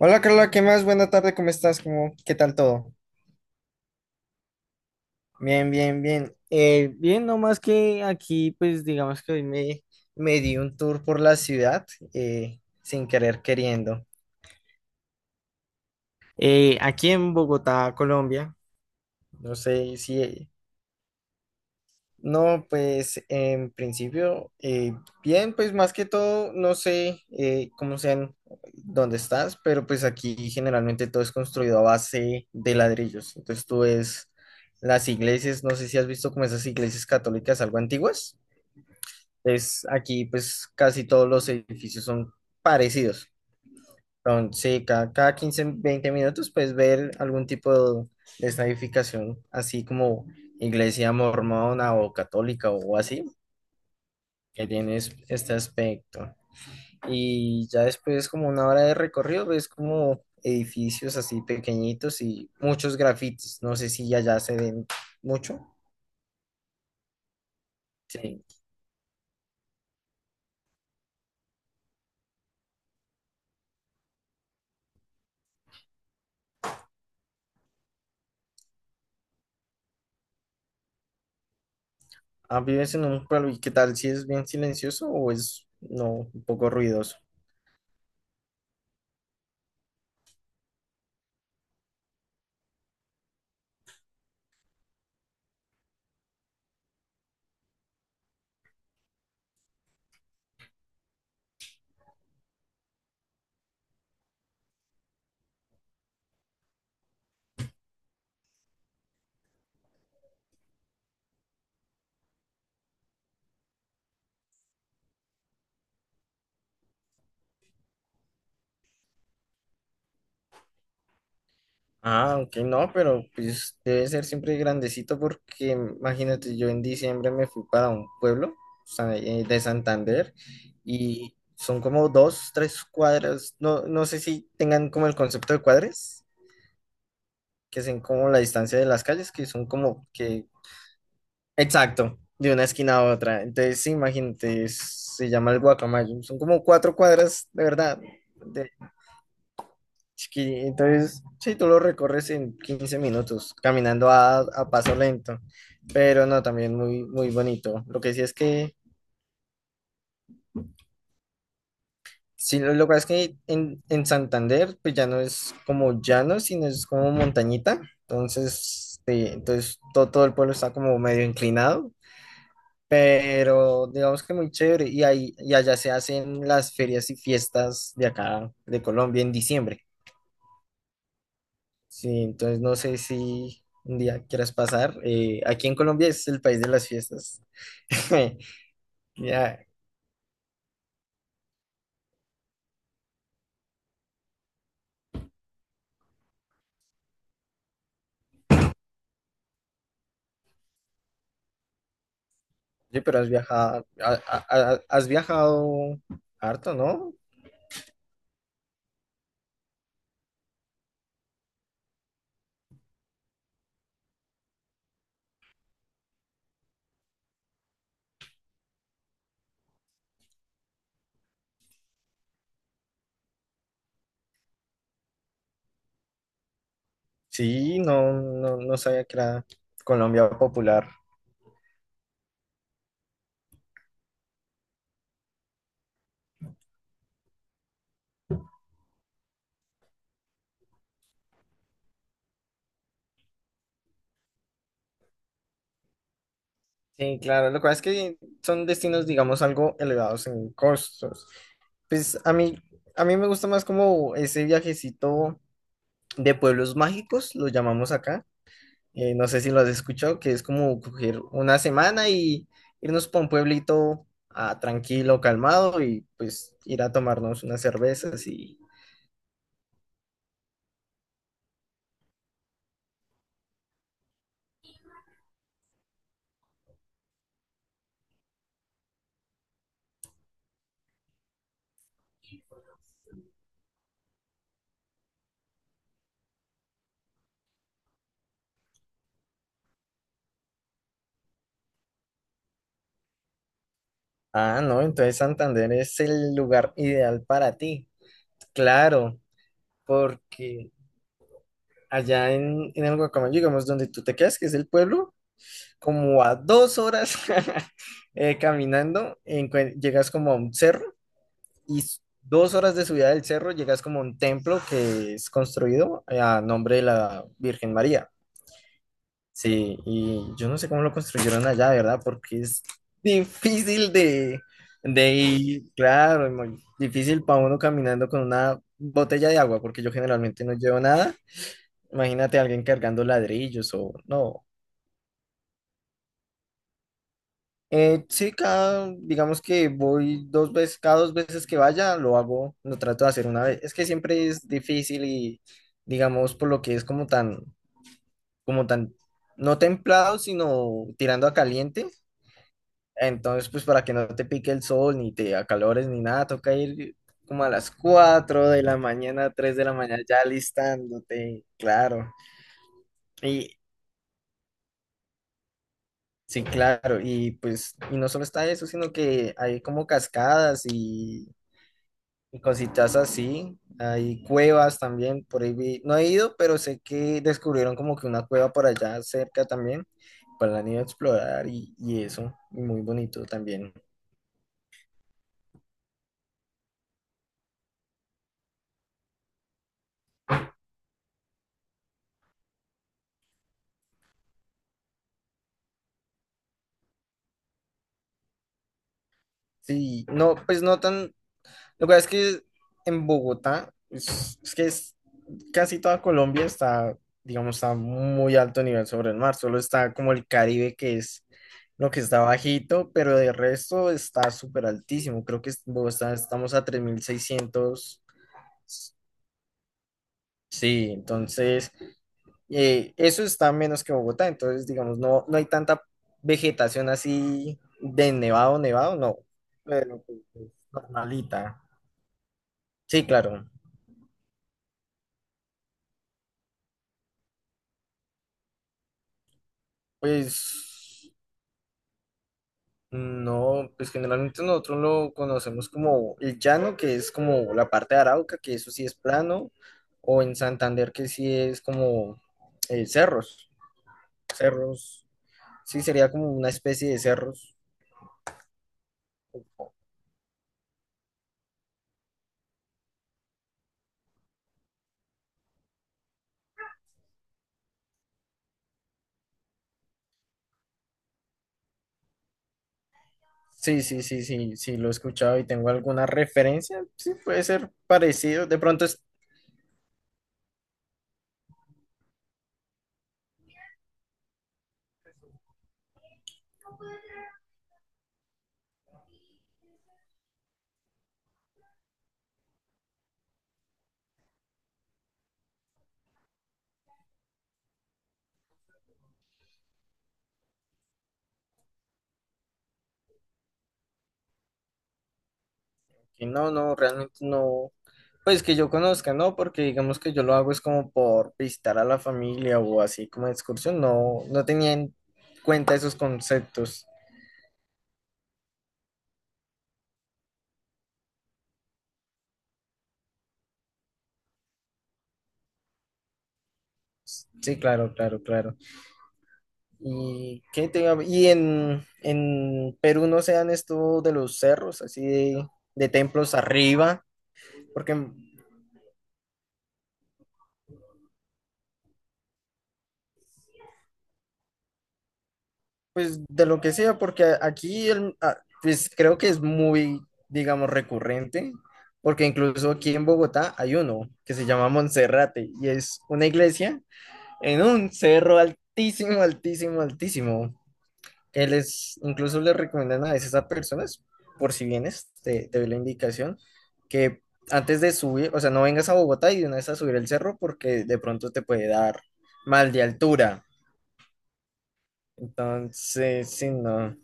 Hola Carla, ¿qué más? Buena tarde, ¿cómo estás? ¿Cómo, qué tal todo? Bien, bien, bien. Bien, no más que aquí, pues digamos que hoy me di un tour por la ciudad, sin querer queriendo. Aquí en Bogotá, Colombia, no sé si, no, pues en principio, bien, pues más que todo, no sé cómo sean, dónde estás, pero pues aquí generalmente todo es construido a base de ladrillos. Entonces tú ves las iglesias, no sé si has visto como esas iglesias católicas algo antiguas. Es aquí pues casi todos los edificios son parecidos. Entonces cada 15 20 minutos puedes ver algún tipo de esta edificación, así como iglesia mormona o católica o así que tienes este aspecto. Y ya después, como una hora de recorrido, ves como edificios así pequeñitos y muchos grafitis. No sé si allá se ven mucho. Sí. Ah, ¿vives en un pueblo y qué tal si es bien silencioso o es no, un poco ruidoso? Ah, ok, no, pero pues debe ser siempre grandecito porque imagínate, yo en diciembre me fui para un pueblo de Santander y son como 2, 3 cuadras, no, no sé si tengan como el concepto de cuadras, que son como la distancia de las calles, que son como que, exacto, de una esquina a otra. Entonces, sí, imagínate, se llama el Guacamayo, son como 4 cuadras, de verdad. Entonces, sí, tú lo recorres en 15 minutos, caminando a paso lento, pero no, también muy, muy bonito. Lo que sí es que, sí, lo que pasa es que en Santander, pues ya no es como llano, sino es como montañita. Entonces, sí, entonces todo el pueblo está como medio inclinado, pero digamos que muy chévere. Y, ahí, y allá se hacen las ferias y fiestas de acá, de Colombia, en diciembre. Sí, entonces no sé si un día quieras pasar. Aquí en Colombia es el país de las fiestas. Ya, sí, pero has viajado, has viajado harto, ¿no? Sí, no sabía que era Colombia popular. Sí, claro, lo cual es que son destinos, digamos, algo elevados en costos. Pues a mí me gusta más como ese viajecito de pueblos mágicos, lo llamamos acá. No sé si lo has escuchado, que es como coger una semana y irnos para un pueblito tranquilo, calmado y pues ir a tomarnos unas cervezas y... Ah, no, entonces Santander es el lugar ideal para ti, claro, porque allá en el Guacamayo, digamos, donde tú te quedas, que es el pueblo, como a 2 horas caminando, llegas como a un cerro y 2 horas de subida del cerro llegas como a un templo que es construido a nombre de la Virgen María. Sí, y yo no sé cómo lo construyeron allá, de ¿verdad? Porque es difícil de ir, claro, es muy difícil para uno caminando con una botella de agua, porque yo generalmente no llevo nada. Imagínate a alguien cargando ladrillos o no. Sí, cada, digamos que voy dos veces, cada dos veces que vaya, lo hago, lo trato de hacer una vez. Es que siempre es difícil y, digamos, por lo que es como tan, no templado, sino tirando a caliente. Entonces, pues para que no te pique el sol, ni te acalores, ni nada, toca ir como a las 4 de la mañana, 3 de la mañana, ya alistándote, claro. Y, sí, claro, y pues, y no solo está eso, sino que hay como cascadas y cositas así. Hay cuevas también, por ahí no he ido, pero sé que descubrieron como que una cueva por allá cerca también, para la niña explorar y eso, y muy bonito también. Sí, no, pues no tan... Lo que pasa es que en Bogotá, es que es, casi toda Colombia está, digamos, está muy alto nivel sobre el mar, solo está como el Caribe que es... Lo que está bajito, pero de resto está súper altísimo. Creo que en Bogotá estamos a 3.600. Sí, entonces eso está menos que Bogotá, entonces digamos, no hay tanta vegetación así de nevado, nevado, no, pero pues, es normalita. Sí, claro, pues no, pues generalmente nosotros lo conocemos como el llano, que es como la parte de Arauca, que eso sí es plano, o en Santander, que sí es como cerros, cerros, sí sería como una especie de cerros. Sí, sí, sí, sí, sí, lo he escuchado y tengo alguna referencia, sí, puede ser parecido, de pronto es que no, no, realmente no, pues que yo conozca, ¿no? Porque digamos que yo lo hago es como por visitar a la familia o así como de excursión, no, no tenía en cuenta esos conceptos. Sí, claro, claro, claro. ¿Y qué te iba a- Y en Perú no se dan esto de los cerros, así de templos arriba, porque pues de lo que sea, porque aquí pues creo que es muy, digamos, recurrente, porque incluso aquí en Bogotá hay uno que se llama Monserrate y es una iglesia en un cerro altísimo, altísimo, altísimo. Que les, incluso le recomiendan a veces a personas, por si vienes, te doy la indicación, que antes de subir, o sea, no vengas a Bogotá y de una vez a subir el cerro porque de pronto te puede dar mal de altura. Entonces, sí, no.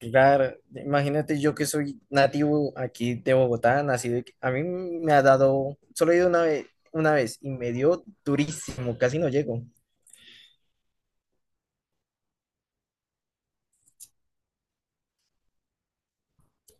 Claro, imagínate yo que soy nativo aquí de Bogotá, nacido, aquí. A mí me ha dado, solo he ido una vez y me dio durísimo, casi no llego.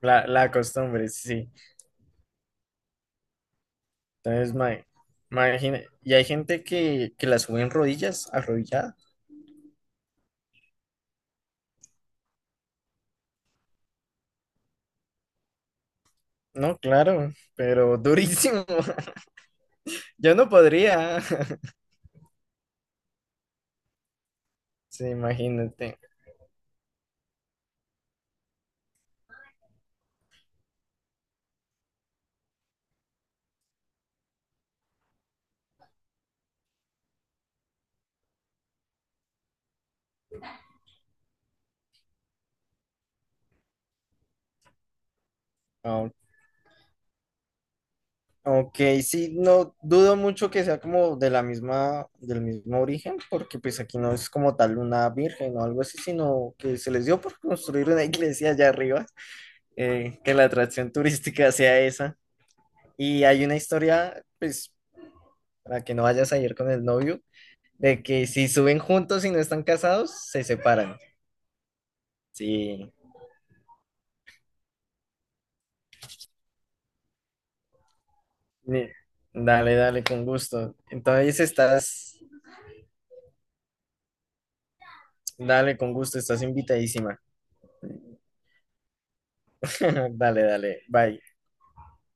La costumbre, sí. Entonces, imagina, y hay gente que la sube en rodillas, arrodillada. No, claro, pero durísimo. Yo no podría. Sí, imagínate. Ok, sí, no dudo mucho que sea como de la misma, del mismo origen, porque pues aquí no es como tal una virgen o algo así, sino que se les dio por construir una iglesia allá arriba, que la atracción turística sea esa. Y hay una historia, pues, para que no vayas a ir con el novio, de que si suben juntos y no están casados, se separan. Sí, ni- dale, dale, con gusto. Entonces estás, dale, con gusto, estás invitadísima. Dale, dale, bye.